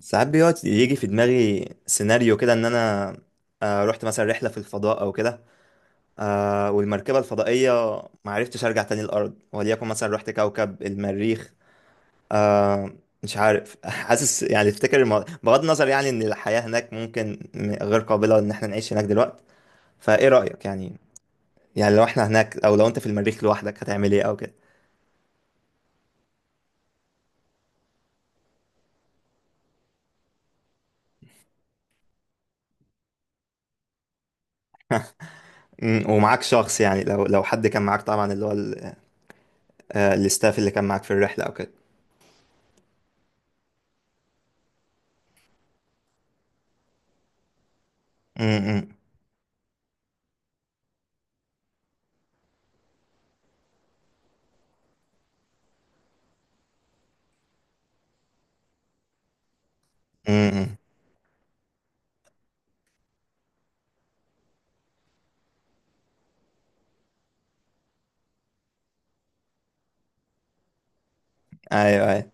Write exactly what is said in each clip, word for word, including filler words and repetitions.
ساعات بيقعد يجي في دماغي سيناريو كده ان انا، آه، رحت مثلا رحله في الفضاء او كده. آه، والمركبه الفضائيه ما عرفتش ارجع تاني الارض، وليكن مثلا رحت كوكب المريخ. آه، مش عارف. حاسس يعني افتكر الم- بغض النظر يعني ان الحياه هناك ممكن م- غير قابله ان احنا نعيش هناك دلوقتي. فايه رايك يعني؟ يعني لو احنا هناك، او لو انت في المريخ لوحدك، هتعمل ايه او كده؟ م، ومعاك شخص، يعني لو لو حد كان معاك طبعا، اللي هو ال- آه، الاستاف اللي كان معاك في الرحله او كده. م- م- م- م. ايوه ايوه.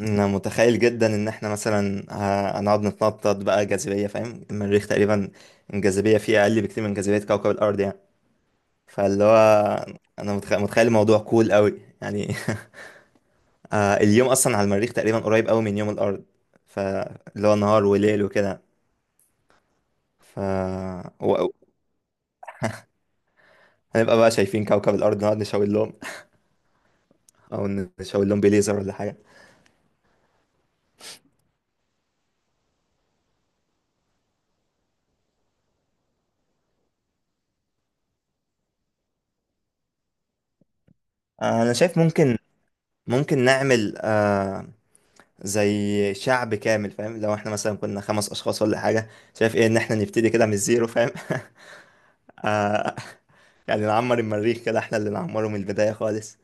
انا متخيل جدا ان احنا مثلا ه- هنقعد نتنطط بقى. جاذبيه فاهم، المريخ تقريبا الجاذبيه فيه اقل بكتير من جاذبيه كوكب الارض يعني. فاللي هو، انا متخ- متخيل الموضوع كول قوي يعني. آه، اليوم اصلا على المريخ تقريبا قريب قوي من يوم الارض، فاللي هو نهار وليل وكده. ف و- هنبقى بقى شايفين كوكب الارض، نقعد نشاور لهم، او نشاور لهم بليزر ولا حاجه. آه، انا شايف ممكن. ممكن نعمل آه، زي شعب كامل فاهم، لو احنا مثلا كنا خمس اشخاص ولا حاجه. شايف ايه ان احنا نبتدي كده من الزيرو فاهم؟ آه، يعني نعمر المريخ كده، احنا اللي نعمره من البدايه خالص.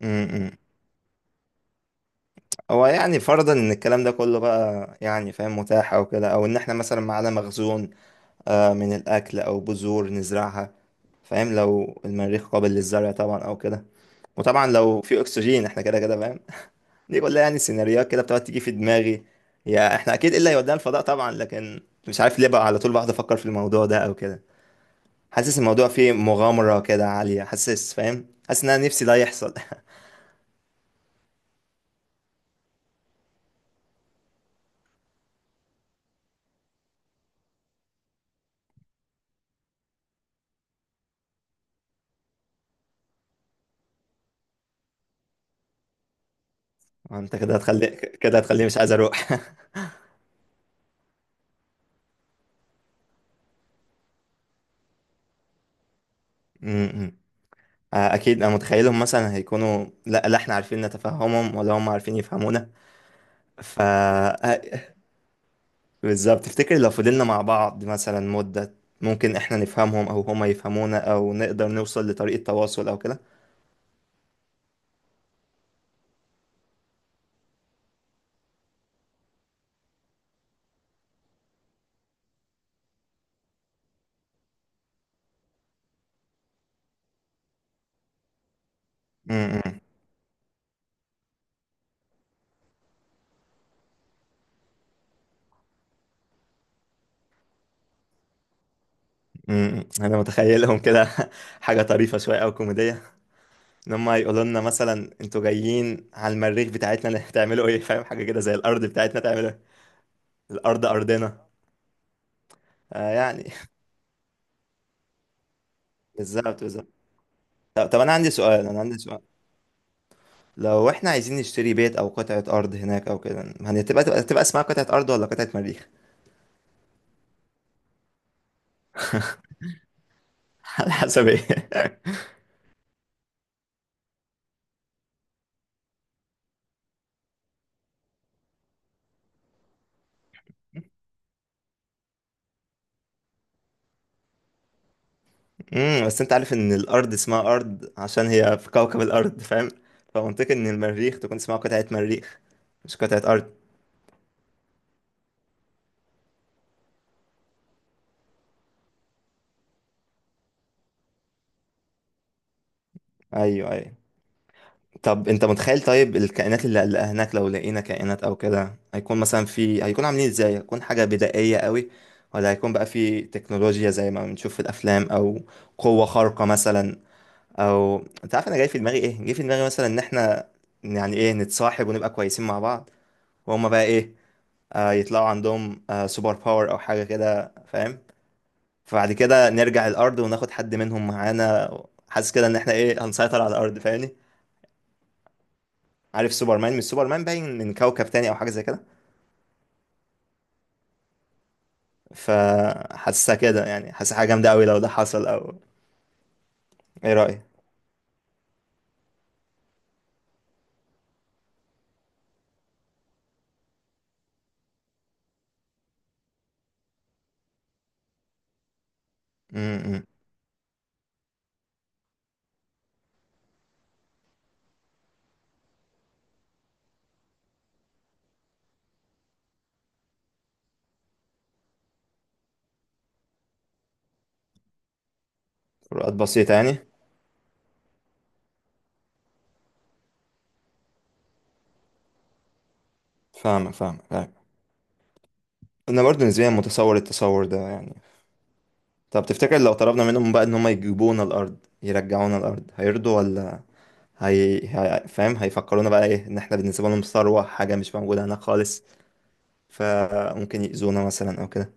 م- م. هو يعني فرضا ان الكلام ده كله بقى يعني فاهم، متاح او كده، او ان احنا مثلا معانا مخزون آه، من الاكل، او بذور نزرعها فاهم، لو المريخ قابل للزرع طبعا او كده. وطبعا لو في اكسجين احنا كده كده فاهم. دي كلها يعني سيناريوهات كده بتقعد تيجي في دماغي. يا احنا اكيد الا يودينا الفضاء طبعا، لكن مش عارف ليه بقى على طول بقعد افكر في الموضوع ده او كده. حاسس الموضوع فيه مغامرة كده عالية، حاسس فاهم، حاسس ان انا نفسي ده يحصل. انت كده هتخلي، كده هتخليني مش عايز اروح. م- م. آه، اكيد انا متخيلهم مثلا هيكونوا لا لا احنا عارفين نتفهمهم ولا هم عارفين يفهمونا. ف آه، بالظبط. تفتكر لو فضلنا مع بعض مثلا مدة، ممكن احنا نفهمهم او هما يفهمونا، او نقدر نوصل لطريقة تواصل او كده؟ م- م. امم انا متخيلهم كده. حاجه طريفه شويه او كوميديه، ان هم يقولوا لنا مثلا انتوا جايين على المريخ بتاعتنا، هتعملوا ايه؟ فاهم، حاجه كده زي الارض بتاعتنا، تعملوا ايه؟ الارض ارضنا. آه يعني. بالظبط بالظبط. طب طب، انا عندي سؤال. انا عندي سؤال لو احنا عايزين نشتري بيت او قطعه ارض هناك او كده، هتبقى تبقى تبقى اسمها قطعه ارض ولا قطعه مريخ؟ على حسب ايه؟ امم، بس انت عارف ان الارض اسمها ارض عشان هي في كوكب الارض فاهم، فمنطقي ان المريخ تكون اسمها قطعه مريخ، مش قطعه ارض. ايوه ايوه. طب انت متخيل طيب الكائنات اللي اللي هناك، لو لقينا كائنات او كده، هيكون مثلا في هيكون عاملين ازاي؟ هيكون حاجة بدائية قوي، ولا هيكون بقى في تكنولوجيا زي ما بنشوف في الافلام، او قوة خارقة مثلا، او، انت عارف انا جاي في دماغي ايه؟ جاي في دماغي مثلا ان احنا يعني ايه نتصاحب ونبقى كويسين مع بعض، وهم بقى ايه آه يطلعوا عندهم آه سوبر باور او حاجة كده فاهم، فبعد كده نرجع الارض وناخد حد منهم معانا. حاسس كده ان احنا ايه هنسيطر على الارض فاهمني؟ عارف سوبرمان؟ مش سوبرمان باين من كوكب تاني او حاجه زي كده؟ فحاسسها كده يعني، حاسسها حاجه جامده قوي لو ده حصل. او، ايه رايك؟ امم، فروقات بسيطه يعني. فاهمك فاهمك فاهمك. انا برضو نسبيا متصور التصور ده يعني. طب تفتكر لو طلبنا منهم بقى ان هم يجيبونا الارض، يرجعونا الارض، هيرضوا ولا هي... هي... فاهم؟ هيفكرونا بقى ايه؟ ان احنا بالنسبه لهم ثروه، حاجه مش موجوده هناك خالص، فممكن يأذونا مثلا او كده.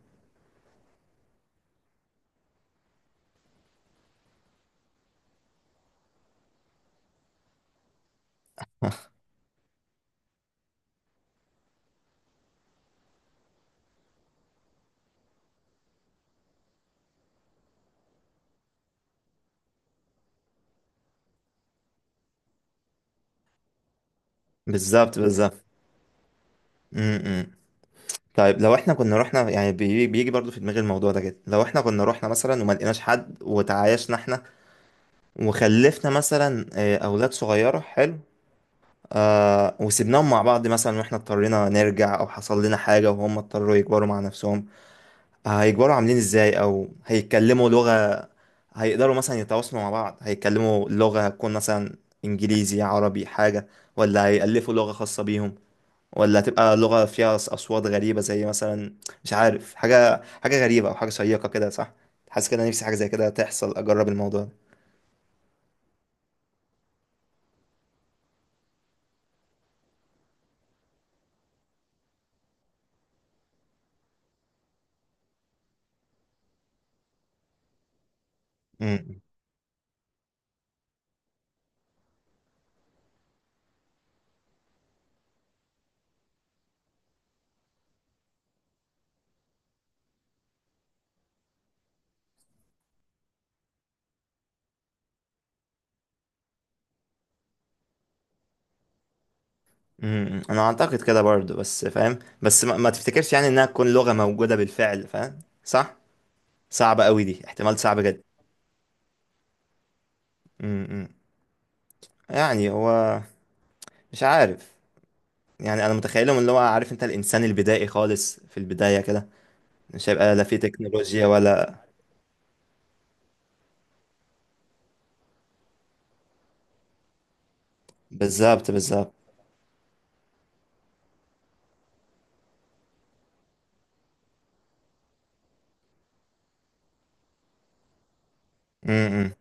بالظبط بالظبط. م- م. طيب لو احنا كنا رحنا يعني، بي- بيجي برضو في دماغي الموضوع ده كده، لو احنا كنا رحنا مثلا وما لقيناش حد وتعايشنا احنا وخلفنا مثلا آه، اولاد صغيره حلو، آه وسيبناهم مع بعض مثلا، واحنا اضطرينا نرجع او حصل لنا حاجه، وهم اضطروا يكبروا مع نفسهم، آه هيكبروا عاملين ازاي، او هيتكلموا لغه، هيقدروا مثلا يتواصلوا مع بعض؟ هيتكلموا لغه هتكون مثلا انجليزي عربي حاجه، ولا هيألفوا لغه خاصه بيهم، ولا هتبقى لغة فيها أص- أصوات غريبة زي مثلا، مش عارف، حاجة، حاجة غريبة أو حاجة شيقة كده، صح؟ حاسس كده نفسي حاجة زي كده تحصل، أجرب الموضوع ده. امم أمم. أنا أعتقد كده برضه بس فاهم، بس ما, ما تفتكرش يعني إنها تكون لغة موجودة بالفعل فاهم؟ صح. صعبة قوي دي، احتمال صعب جدا. امم إمم. يعني هو، مش عارف، يعني أنا متخيلهم اللي هو عارف أنت الإنسان البدائي خالص في البداية كده، مش هيبقى لا في تكنولوجيا ولا. بالظبط بالظبط. امم امم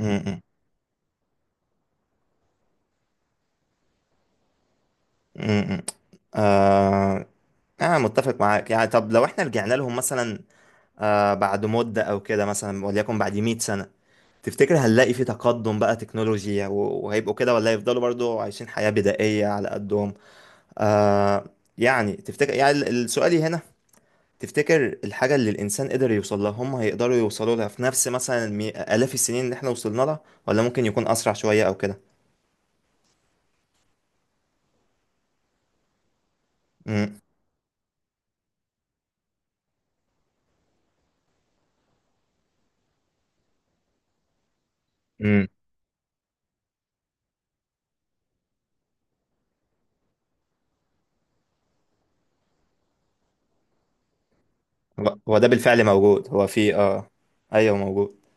إمم، إمم. امم امم. آه أنا متفق معاك يعني. طب لو إحنا رجعنا لهم مثلا آه بعد مدة أو كده، مثلا وليكن بعد مئة سنة، تفتكر هنلاقي في تقدم بقى تكنولوجيا و- وهيبقوا كده، ولا يفضلوا برضو عايشين حياة بدائية على قدهم؟ آه يعني، تفتكر يعني ال- السؤالي هنا، تفتكر الحاجة اللي الإنسان قدر يوصل لها، هم هيقدروا يوصلوا لها في نفس مثلا المي- آلاف السنين اللي إحنا وصلنا لها، ولا ممكن يكون أسرع شوية أو كده؟ امم امم. هو هو ده بالفعل موجود. هو في آه أيوه موجود.